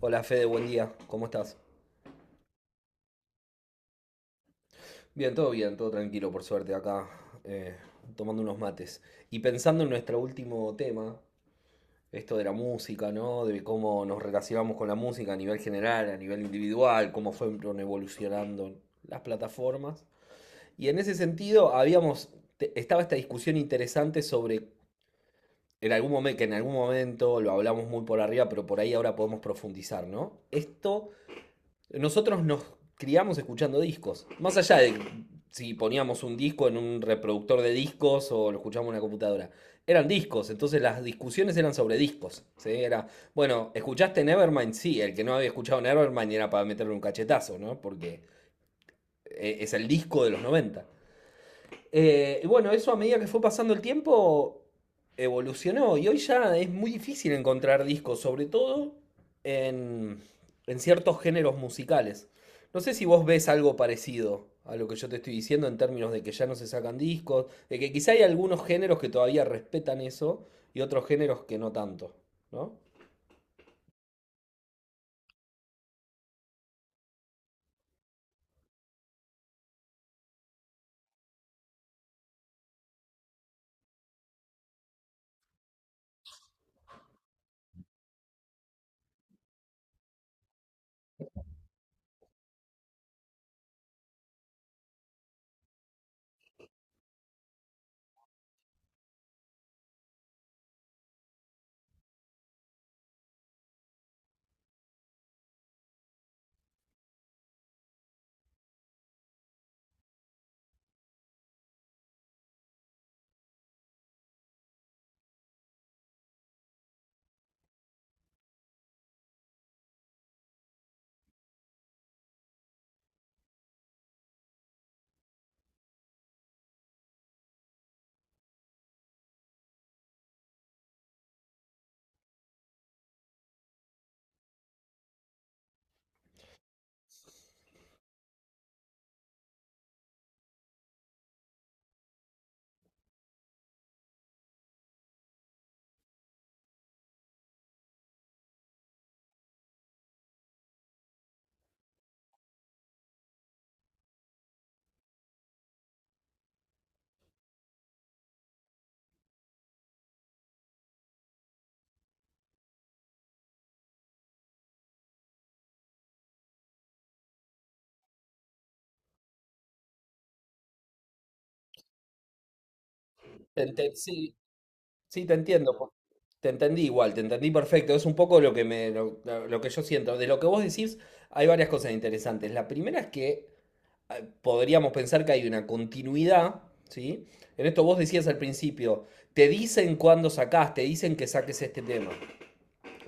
Hola Fede, buen día, ¿cómo estás? Bien, todo tranquilo, por suerte, acá eh, tomando unos mates. Y pensando en nuestro último tema, esto de la música, ¿no? De cómo nos relacionamos con la música a nivel general, a nivel individual, cómo fueron evolucionando las plataformas. Y en ese sentido, estaba esta discusión interesante sobre, que en algún momento lo hablamos muy por arriba, pero por ahí ahora podemos profundizar, ¿no? Esto Nosotros nos criamos escuchando discos. Más allá de si poníamos un disco en un reproductor de discos o lo escuchábamos en una computadora. Eran discos, entonces las discusiones eran sobre discos. ¿Sí? Era, bueno, ¿escuchaste Nevermind? Sí, el que no había escuchado Nevermind era para meterle un cachetazo, ¿no? Porque es el disco de los 90. Y bueno, eso a medida que fue pasando el tiempo evolucionó y hoy ya es muy difícil encontrar discos, sobre todo en, en ciertos géneros musicales. No sé si vos ves algo parecido a lo que yo te estoy diciendo en términos de que ya no se sacan discos, de que quizá hay algunos géneros que todavía respetan eso y otros géneros que no tanto, ¿no? Sí, sí, te entiendo. Te entendí igual, te entendí perfecto. Es un poco lo que yo siento. De lo que vos decís, hay varias cosas interesantes. La primera es que podríamos pensar que hay una continuidad, ¿sí? En esto vos decías al principio, te dicen cuándo sacás, te dicen que saques este tema.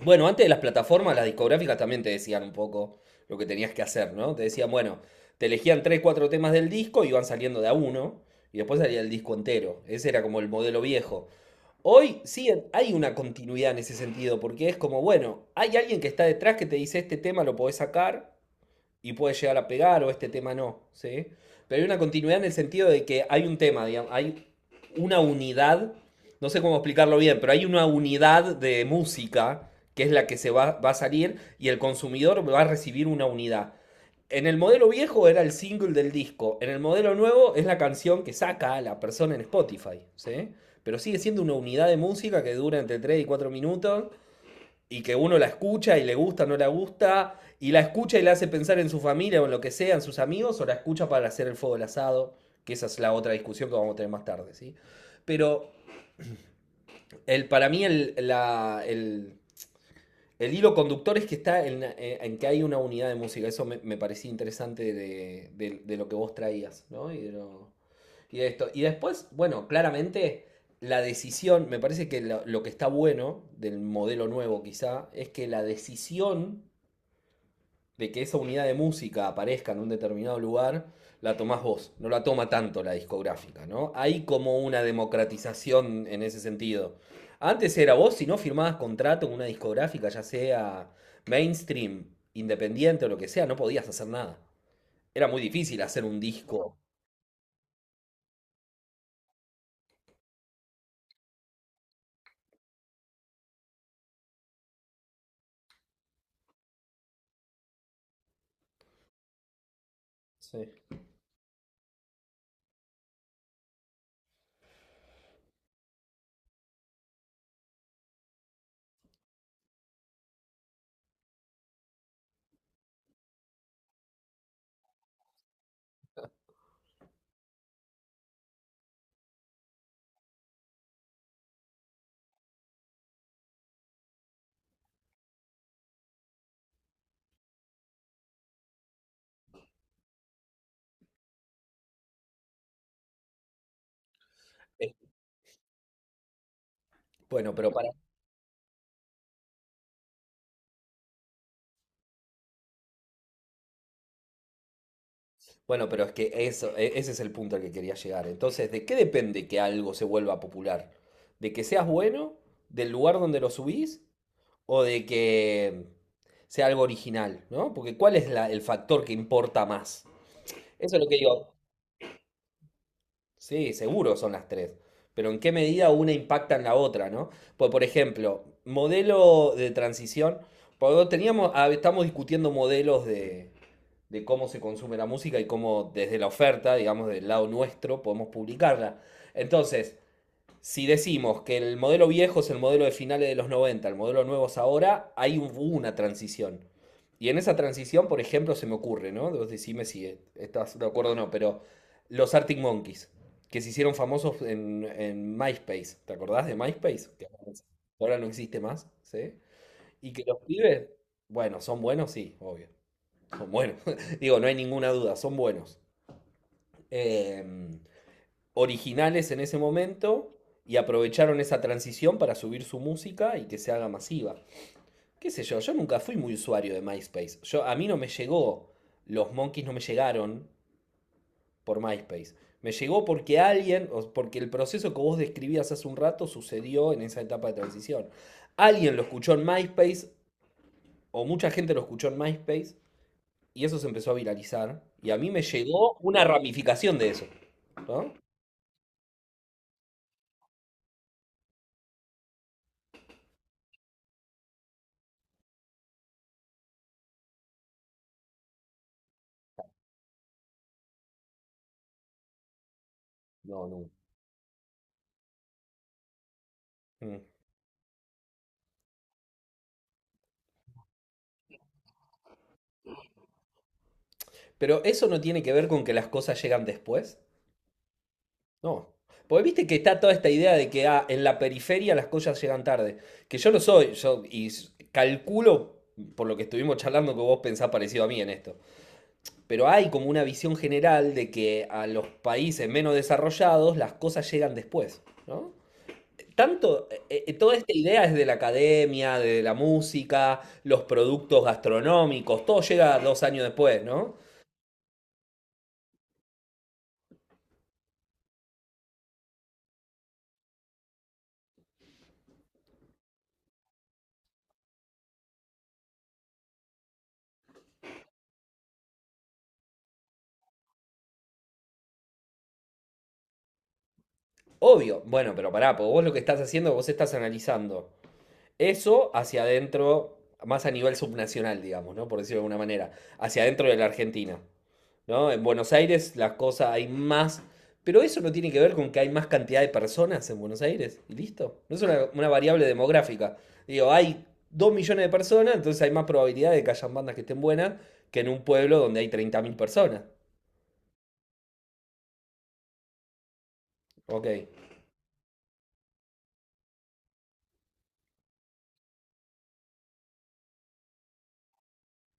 Bueno, antes de las plataformas, las discográficas también te decían un poco lo que tenías que hacer, ¿no? Te decían, bueno, te elegían tres, cuatro temas del disco y iban saliendo de a uno, y después salía el disco entero. Ese era como el modelo viejo. Hoy sí hay una continuidad en ese sentido, porque es como, bueno, hay alguien que está detrás que te dice este tema lo podés sacar y puede llegar a pegar o este tema no, ¿sí? Pero hay una continuidad en el sentido de que hay un tema, digamos, hay una unidad, no sé cómo explicarlo bien, pero hay una unidad de música que es la que va a salir y el consumidor va a recibir una unidad. En el modelo viejo era el single del disco. En el modelo nuevo es la canción que saca la persona en Spotify. ¿Sí? Pero sigue siendo una unidad de música que dura entre 3 y 4 minutos y que uno la escucha y le gusta, no la gusta, y la escucha y la hace pensar en su familia o en lo que sea, en sus amigos, o la escucha para hacer el fuego del asado, que esa es la otra discusión que vamos a tener más tarde. ¿Sí? Pero el, para mí el, la, el hilo conductor es que está en que hay una unidad de música. Eso me parecía interesante de lo que vos traías, ¿no? Y de esto. Y después, bueno, claramente la decisión, me parece que lo que está bueno del modelo nuevo quizá, es que la decisión de que esa unidad de música aparezca en un determinado lugar, la tomás vos, no la toma tanto la discográfica, ¿no? Hay como una democratización en ese sentido. Antes era vos, si no firmabas contrato con una discográfica, ya sea mainstream, independiente o lo que sea, no podías hacer nada. Era muy difícil hacer un disco. Sí. Bueno, pero para. Bueno, pero es que eso, ese es el punto al que quería llegar. Entonces, ¿de qué depende que algo se vuelva popular? ¿De que seas bueno? ¿Del lugar donde lo subís? ¿O de que sea algo original? ¿No? Porque ¿cuál es el factor que importa más? Eso es lo que digo. Sí, seguro son las tres. Pero ¿en qué medida una impacta en la otra? ¿No? Pues, por ejemplo, modelo de transición. Porque estamos discutiendo modelos de cómo se consume la música y cómo desde la oferta, digamos, del lado nuestro, podemos publicarla. Entonces, si decimos que el modelo viejo es el modelo de finales de los 90, el modelo nuevo es ahora, hay una transición. Y en esa transición, por ejemplo, se me ocurre, ¿no? Vos decime si estás de acuerdo o no, pero los Arctic Monkeys, que se hicieron famosos en MySpace, ¿te acordás de MySpace? Que ahora no existe más, ¿sí? Y que los pibes, bueno, son buenos, sí, obvio. Son buenos. Digo, no hay ninguna duda, son buenos. Eh, Originales en ese momento y aprovecharon esa transición para subir su música y que se haga masiva. ¿Qué sé yo? Yo nunca fui muy usuario de MySpace. A mí no me llegó, los monkeys no me llegaron por MySpace. Me llegó porque alguien, o porque el proceso que vos describías hace un rato sucedió en esa etapa de transición. Alguien lo escuchó en MySpace, o mucha gente lo escuchó en MySpace, y eso se empezó a viralizar. Y a mí me llegó una ramificación de eso. ¿No? No, no. Mm. Pero eso no tiene que ver con que las cosas llegan después. No. Porque viste que está toda esta idea de que en la periferia las cosas llegan tarde. Que yo lo soy, yo y calculo, por lo que estuvimos charlando, que vos pensás parecido a mí en esto. Pero hay como una visión general de que a los países menos desarrollados las cosas llegan después, ¿no? Tanto, toda esta idea es de la academia, de la música, los productos gastronómicos, todo llega 2 años después, ¿no? Obvio, bueno, pero pará, porque vos lo que estás haciendo, vos estás analizando eso hacia adentro, más a nivel subnacional, digamos, ¿no? Por decirlo de alguna manera, hacia adentro de la Argentina. ¿No? En Buenos Aires las cosas hay más, pero eso no tiene que ver con que hay más cantidad de personas en Buenos Aires, y listo. No es una variable demográfica. Digo, hay 2 millones de personas, entonces hay más probabilidad de que hayan bandas que estén buenas que en un pueblo donde hay 30.000 personas. Ok,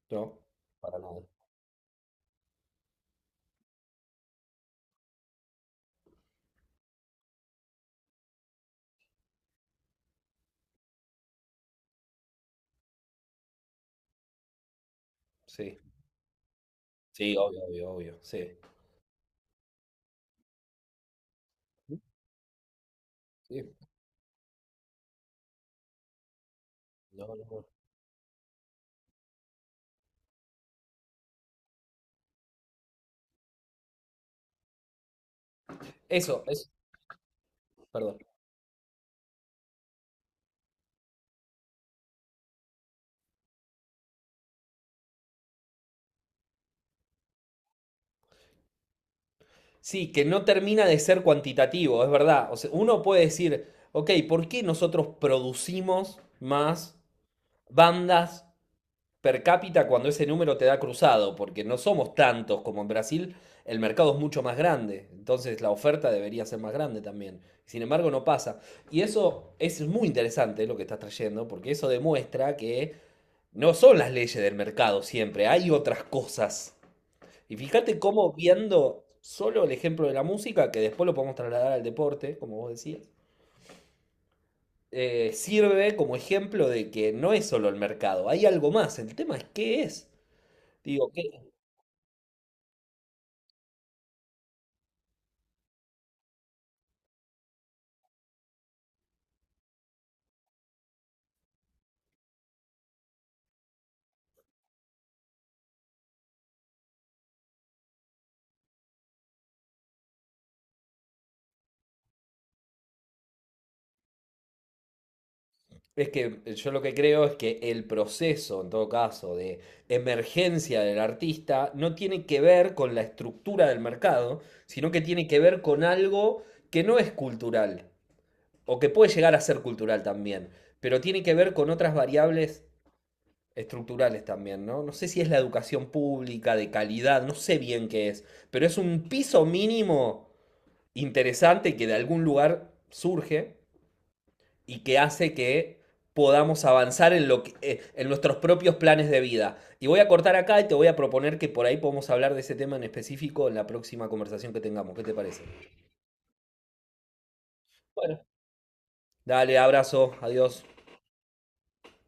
no, para nada. Sí, sí, obvio, obvio, obvio, sí. Sí, no, no, no. Eso, es, perdón. Sí, que no termina de ser cuantitativo, es verdad. O sea, uno puede decir, ok, ¿por qué nosotros producimos más bandas per cápita cuando ese número te da cruzado, porque no somos tantos como en Brasil, el mercado es mucho más grande, entonces la oferta debería ser más grande también. Sin embargo, no pasa. Y eso es muy interesante lo que estás trayendo, porque eso demuestra que no son las leyes del mercado siempre, hay otras cosas. Y fíjate cómo viendo solo el ejemplo de la música, que después lo podemos trasladar al deporte, como vos decías, sirve como ejemplo de que no es solo el mercado, hay algo más. El tema es qué es. Digo, ¿qué? Es que yo lo que creo es que el proceso, en todo caso, de emergencia del artista no tiene que ver con la estructura del mercado, sino que tiene que ver con algo que no es cultural, o que puede llegar a ser cultural también, pero tiene que ver con otras variables estructurales también, ¿no? No sé si es la educación pública, de calidad, no sé bien qué es, pero es un piso mínimo interesante que de algún lugar surge y que hace que podamos avanzar en nuestros propios planes de vida. Y voy a cortar acá y te voy a proponer que por ahí podemos hablar de ese tema en específico en la próxima conversación que tengamos. ¿Qué te parece? Bueno, dale, abrazo, adiós.